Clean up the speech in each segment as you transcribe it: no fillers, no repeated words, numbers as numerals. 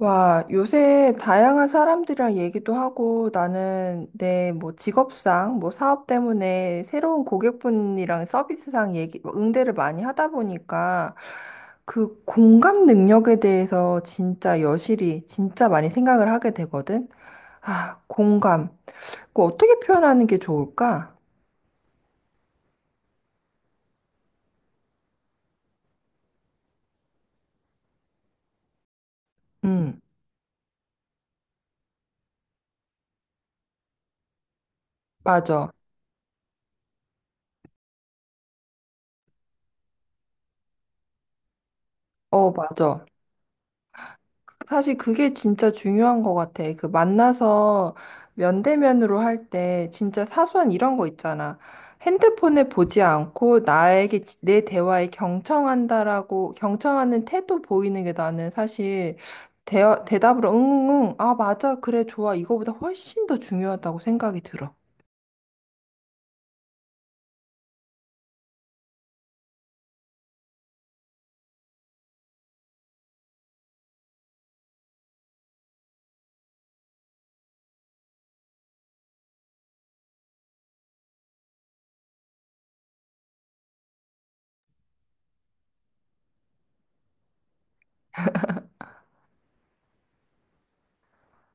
와, 요새 다양한 사람들이랑 얘기도 하고 나는 내 뭐 직업상, 뭐 사업 때문에 새로운 고객분이랑 서비스상 얘기, 뭐 응대를 많이 하다 보니까 그 공감 능력에 대해서 진짜 여실히 진짜 많이 생각을 하게 되거든. 아, 공감. 그 어떻게 표현하는 게 좋을까? 음, 맞아. 어, 맞아. 사실 그게 진짜 중요한 것 같아. 그 만나서 면대면으로 할 때 진짜 사소한 이런 거 있잖아. 핸드폰을 보지 않고 나에게 내 대화에 경청한다라고 경청하는 태도 보이는 게 나는 사실 대답으로 응응응 아 맞아 그래 좋아 이거보다 훨씬 더 중요하다고 생각이 들어.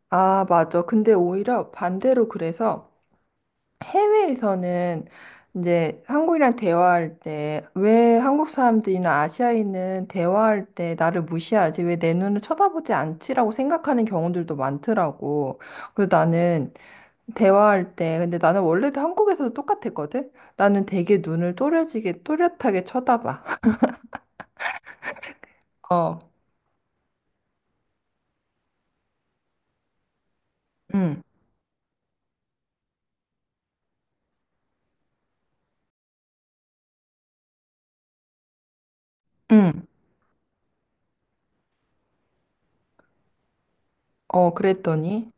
아 맞아. 근데 오히려 반대로 그래서 해외에서는 이제 한국이랑 대화할 때 왜 한국 사람들이나 아시아인은 대화할 때 나를 무시하지? 왜 내 눈을 쳐다보지 않지라고 생각하는 경우들도 많더라고. 그래서 나는 대화할 때 근데 나는 원래도 한국에서도 똑같았거든. 나는 되게 눈을 또렷하게 또렷하게 쳐다봐. 어. 응. 응. 어, 그랬더니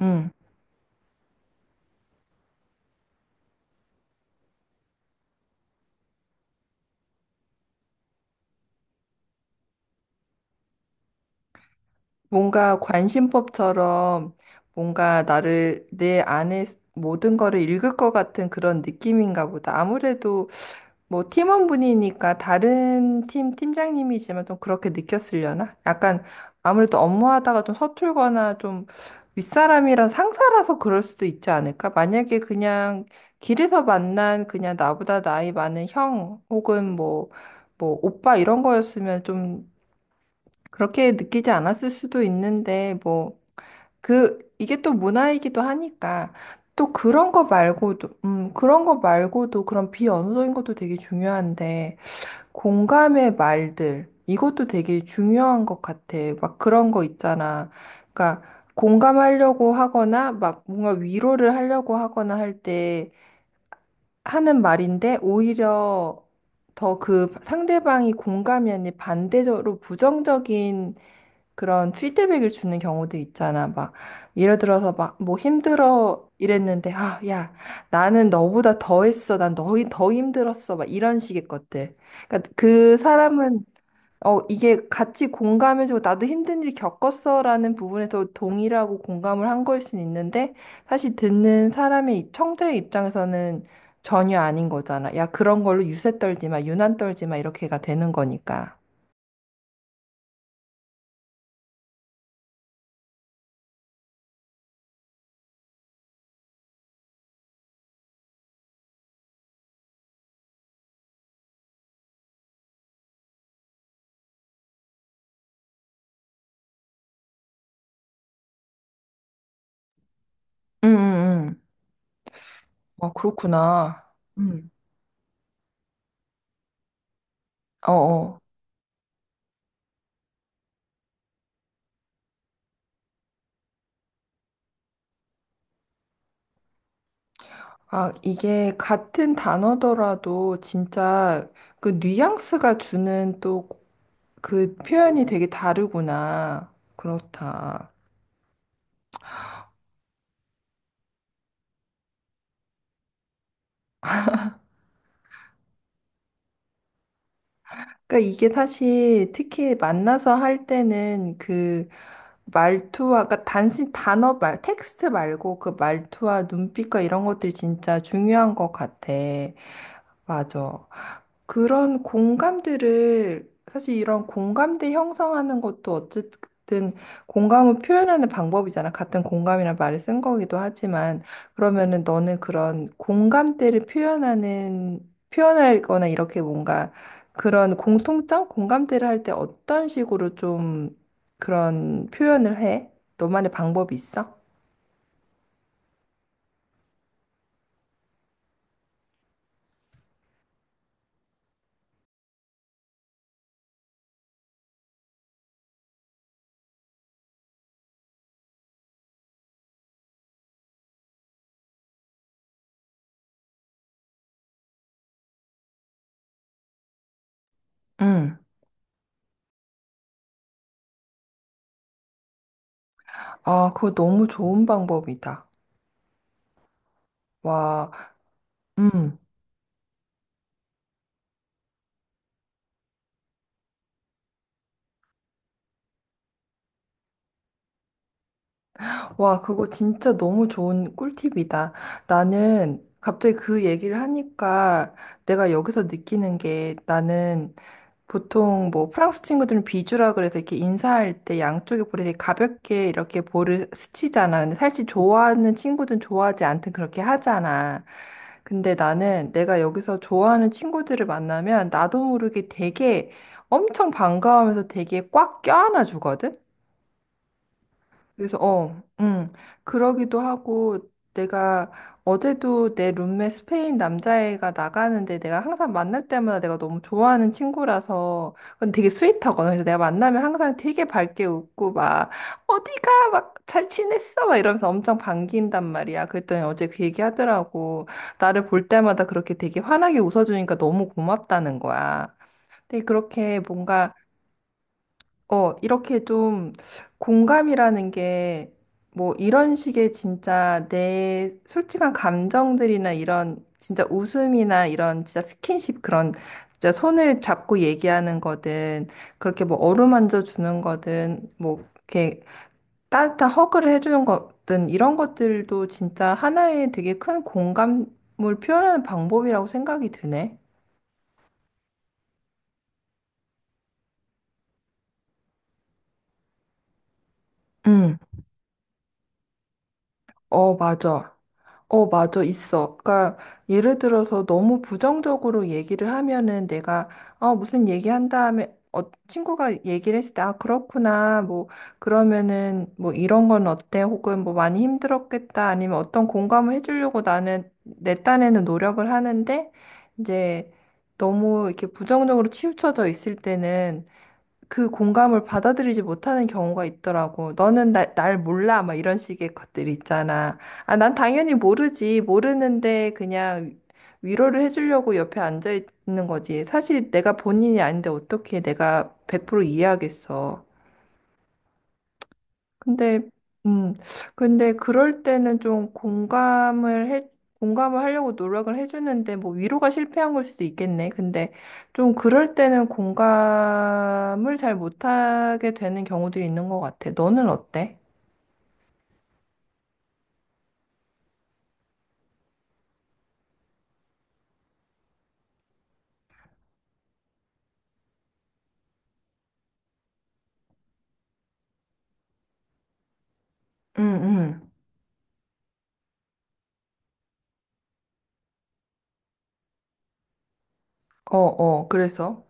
응. 뭔가 관심법처럼 뭔가 나를 내 안에 모든 거를 읽을 것 같은 그런 느낌인가 보다. 아무래도 뭐 팀원분이니까 다른 팀 팀장님이지만 좀 그렇게 느꼈으려나? 약간 아무래도 업무하다가 좀 서툴거나 좀 윗사람이랑 상사라서 그럴 수도 있지 않을까? 만약에 그냥 길에서 만난 그냥 나보다 나이 많은 형 혹은 뭐, 뭐 오빠 이런 거였으면 좀 그렇게 느끼지 않았을 수도 있는데 뭐 그, 이게 또 문화이기도 하니까, 또 그런 거 말고도, 그런 거 말고도 그런 비언어적인 것도 되게 중요한데, 공감의 말들, 이것도 되게 중요한 것 같아. 막 그런 거 있잖아. 그러니까, 공감하려고 하거나, 막 뭔가 위로를 하려고 하거나 할 때 하는 말인데, 오히려 더 그 상대방이 공감이 아닌 반대적으로 부정적인 그런 피드백을 주는 경우도 있잖아. 막, 예를 들어서 막, 뭐 힘들어 이랬는데, 아, 야, 나는 너보다 더 했어. 난 너희 더 힘들었어. 막 이런 식의 것들. 그러니까 그 사람은, 어, 이게 같이 공감해주고, 나도 힘든 일 겪었어. 라는 부분에서 동의를 하고 공감을 한 거일 수는 있는데, 사실 듣는 사람의, 청자의 입장에서는 전혀 아닌 거잖아. 야, 그런 걸로 유세 떨지 마, 유난 떨지 마, 이렇게가 되는 거니까. 응, 응, 응. 아, 그렇구나. 음. 어어. 아, 이게 같은 단어더라도 진짜 그 뉘앙스가 주는 또 그 표현이 되게 다르구나. 그렇다. 그러니까 이게 사실 특히 만나서 할 때는 그 말투와, 그러니까 단순히 단어 말, 텍스트 말고 그 말투와 눈빛과 이런 것들이 진짜 중요한 것 같아. 맞아. 그런 공감대를 사실 이런 공감대 형성하는 것도 어쨌든 공감을 표현하는 방법이잖아. 같은 공감이란 말을 쓴 거기도 하지만 그러면은 너는 그런 공감대를 표현하는 표현할거나 이렇게 뭔가 그런 공통점, 공감대를 할 때 어떤 식으로 좀 그런 표현을 해? 너만의 방법이 있어? 응. 아, 그거 너무 좋은 방법이다. 와. 음. 와, 그거 진짜 너무 좋은 꿀팁이다. 나는 갑자기 그 얘기를 하니까 내가 여기서 느끼는 게 나는 보통 뭐 프랑스 친구들은 비주라 그래서 이렇게 인사할 때 양쪽에 볼에 되게 가볍게 이렇게 볼을 스치잖아. 근데 사실 좋아하는 친구들은 좋아하지 않든 그렇게 하잖아. 근데 나는 내가 여기서 좋아하는 친구들을 만나면 나도 모르게 되게 엄청 반가워하면서 되게 꽉 껴안아 주거든? 그래서 그러기도 하고 내가 어제도 내 룸메 스페인 남자애가 나가는데 내가 항상 만날 때마다 내가 너무 좋아하는 친구라서 근데 되게 스윗하거든. 그래서 내가 만나면 항상 되게 밝게 웃고 막 어디가 막 잘 지냈어 막 이러면서 엄청 반긴단 말이야. 그랬더니 어제 그 얘기 하더라고. 나를 볼 때마다 그렇게 되게 환하게 웃어주니까 너무 고맙다는 거야. 근데 그렇게 뭔가 어, 이렇게 좀 공감이라는 게 뭐 이런 식의 진짜 내 솔직한 감정들이나 이런 진짜 웃음이나 이런 진짜 스킨십 그런 진짜 손을 잡고 얘기하는 거든 그렇게 뭐 어루만져 주는 거든 뭐 이렇게 따뜻한 허그를 해주는 거든 이런 것들도 진짜 하나의 되게 큰 공감을 표현하는 방법이라고 생각이 드네. 응, 어, 맞아. 어, 맞아, 있어. 그러니까 예를 들어서 너무 부정적으로 얘기를 하면은 내가 아, 무슨 얘기한 다음에 어, 친구가 얘기를 했을 때 아, 그렇구나. 뭐 그러면은 뭐 이런 건 어때? 혹은 뭐 많이 힘들었겠다. 아니면 어떤 공감을 해주려고 나는 내 딴에는 노력을 하는데 이제 너무 이렇게 부정적으로 치우쳐져 있을 때는 그 공감을 받아들이지 못하는 경우가 있더라고. 너는 날 몰라. 막 이런 식의 것들 있잖아. 아, 난 당연히 모르지. 모르는데 그냥 위로를 해주려고 옆에 앉아 있는 거지. 사실 내가 본인이 아닌데 어떻게 내가 100% 이해하겠어. 근데, 음, 근데 그럴 때는 좀 공감을 하려고 노력을 해주는데, 뭐 위로가 실패한 걸 수도 있겠네. 근데 좀 그럴 때는 공감을 잘 못하게 되는 경우들이 있는 것 같아. 너는 어때? 응, 응. 어, 어, 그래서.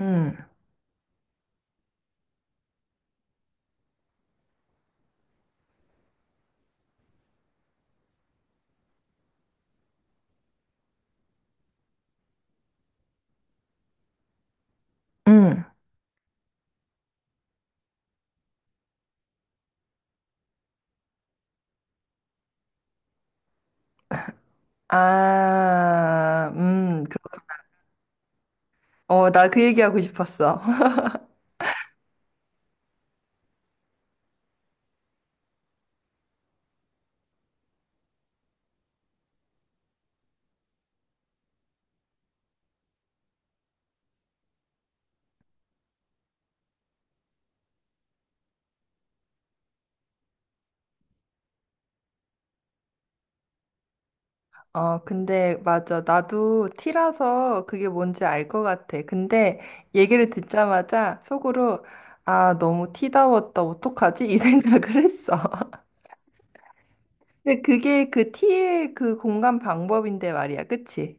응, 응. 아, 어, 나 그 얘기하고 싶었어. 어, 근데 맞아. 나도 T라서 그게 뭔지 알 것 같아. 근데 얘기를 듣자마자 속으로 아, 너무 T다웠다. 어떡하지? 이 생각을 했어. 근데 그게 그 T의 그 공감 방법인데 말이야. 그치?